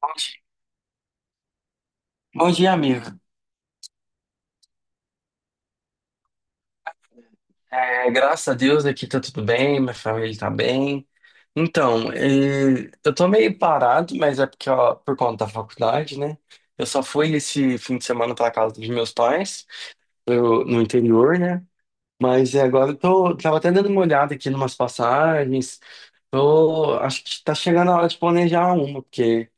Bom dia, Bom dia, amigo. É, graças a Deus aqui tá tudo bem, minha família tá bem. Então, eu tô meio parado, mas é porque, ó, por conta da faculdade, né? Eu só fui esse fim de semana pra casa dos meus pais, no interior, né? Mas agora tava até dando uma olhada aqui numas passagens. Tô, acho que tá chegando a hora de planejar uma, porque,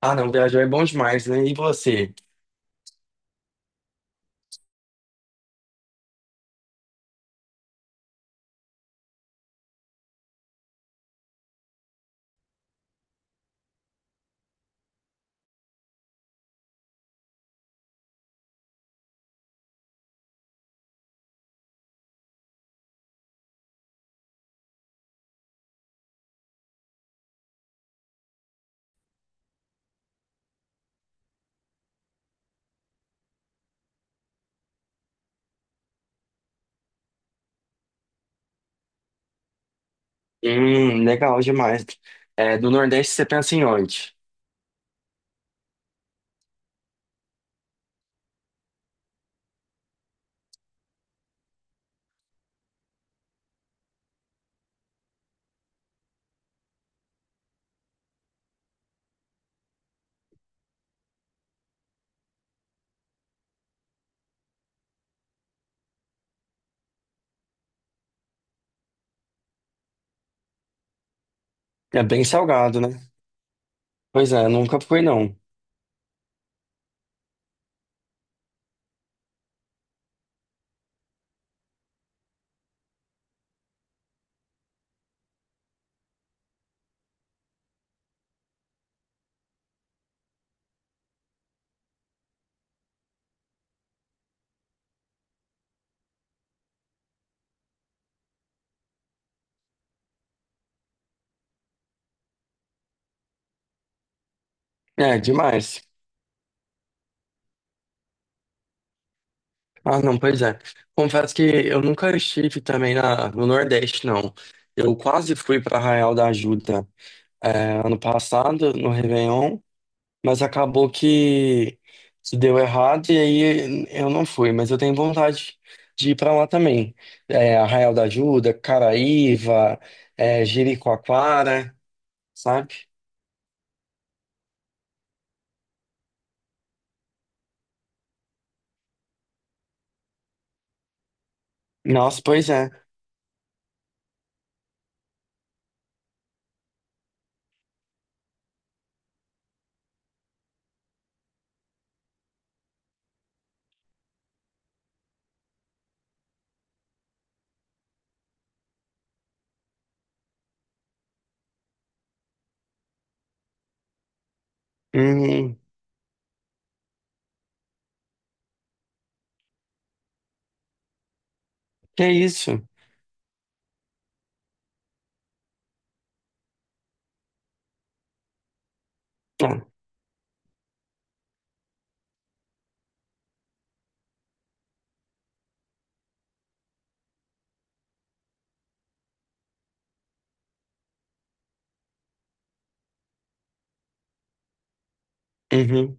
ah, não, viajar é bom demais, né? E você? Legal demais. É, do Nordeste você pensa em onde? É bem salgado, né? Pois é, nunca fui não. É, demais. Ah, não, pois é. Confesso que eu nunca estive também no Nordeste, não. Eu quase fui para Arraial da Ajuda ano passado, no Réveillon, mas acabou que se deu errado e aí eu não fui. Mas eu tenho vontade de ir para lá também. É, Arraial da Ajuda, Caraíva, Jericoacoara, sabe? Nossa, pois é. Uhum. Que isso? Ah, Uhum.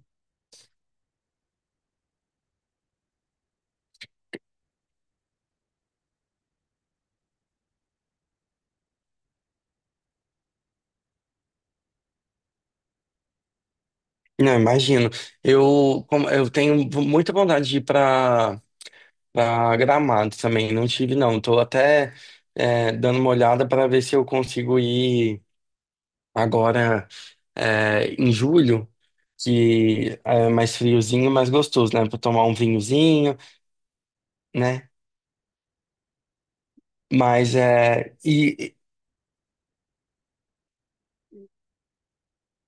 Não, imagino. Eu tenho muita vontade de ir para Gramado também. Não tive, não. Estou até dando uma olhada para ver se eu consigo ir agora, em julho, que é mais friozinho, mais gostoso, né? Para tomar um vinhozinho, né? Mas é.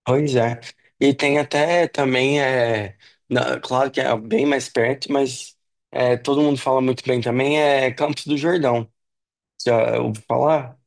Pois é. E tem até também, é, claro que é bem mais perto, mas é, todo mundo fala muito bem também, é Campos do Jordão. Já ouviu falar?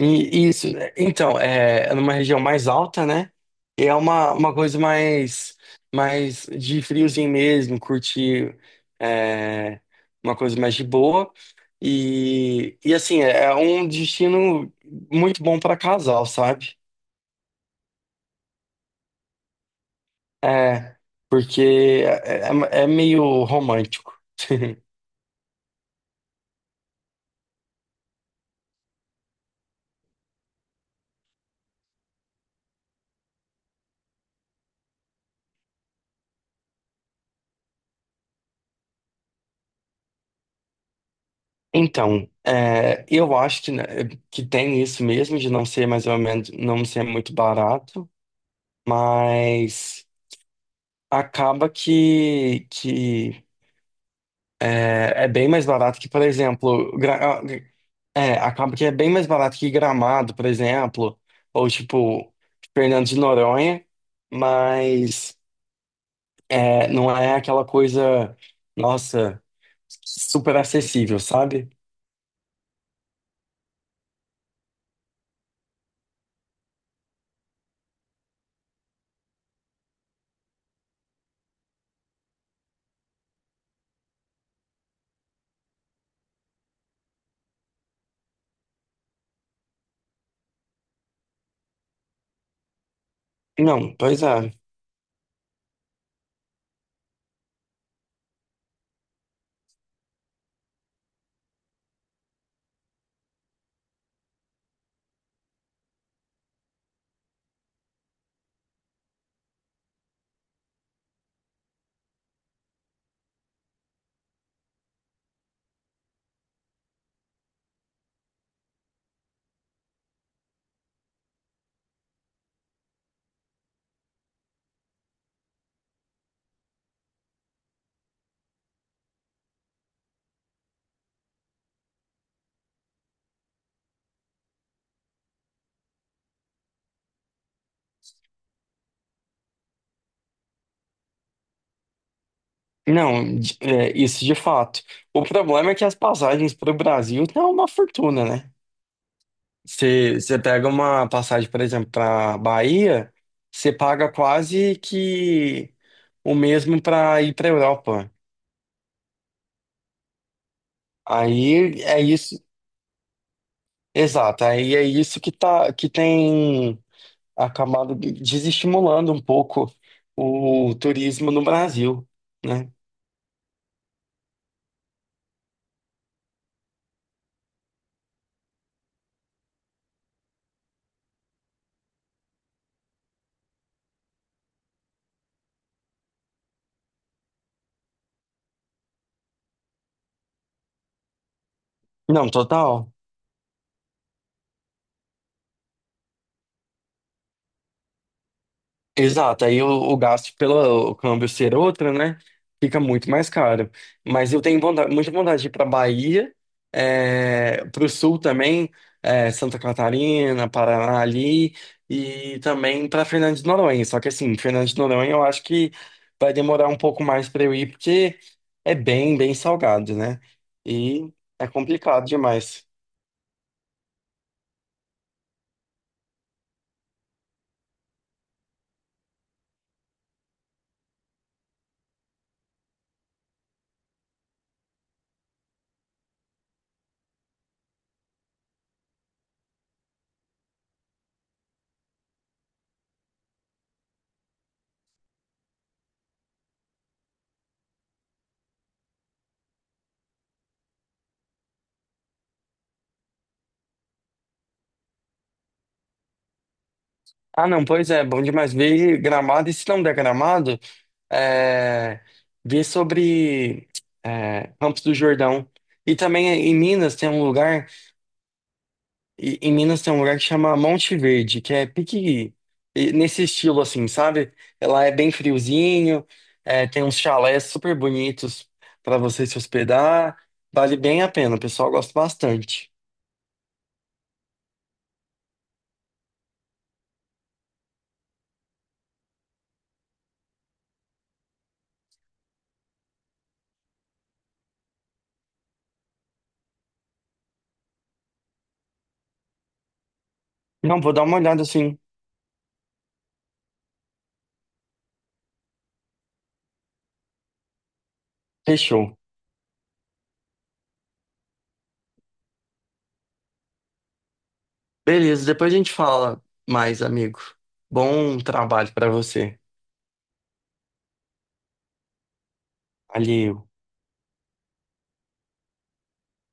E isso, né? Então, é, é numa região mais alta, né? E é uma coisa mais, mais de friozinho mesmo, curtir é, uma coisa mais de boa. E assim, é um destino muito bom para casal, sabe? É, porque é, é meio romântico. Então, é, eu acho que, né, que tem isso mesmo de não ser mais ou menos, não ser muito barato, mas acaba que é, é bem mais barato que, por exemplo, é, acaba que é bem mais barato que Gramado, por exemplo, ou tipo Fernando de Noronha, mas é, não é aquela coisa, nossa, super acessível, sabe? Não, pois é. Não, é, isso de fato. O problema é que as passagens para o Brasil estão uma fortuna, né? Você pega uma passagem, por exemplo, para Bahia, você paga quase que o mesmo para ir para Europa. Aí é isso, exato. Aí é isso que tá, que tem acabado desestimulando um pouco o turismo no Brasil, né? Não, total. Exato, aí o gasto pelo câmbio ser outro, né? Fica muito mais caro. Mas eu tenho vontade, muita vontade de ir para Bahia, para o sul também, é, Santa Catarina, Paraná ali, e também para Fernando de Noronha. Só que assim, Fernando de Noronha eu acho que vai demorar um pouco mais para eu ir, porque é bem, bem salgado, né? E é complicado demais. Ah, não, pois é, bom demais ver Gramado, e se não der Gramado, é, ver sobre é, Campos do Jordão. E também em Minas tem um lugar, em Minas tem um lugar que chama Monte Verde, que é pique nesse estilo assim, sabe? Ela é bem friozinho, é, tem uns chalés super bonitos para você se hospedar, vale bem a pena, o pessoal gosta bastante. Não, vou dar uma olhada assim. Fechou. Beleza, depois a gente fala mais, amigo. Bom trabalho para você. Valeu.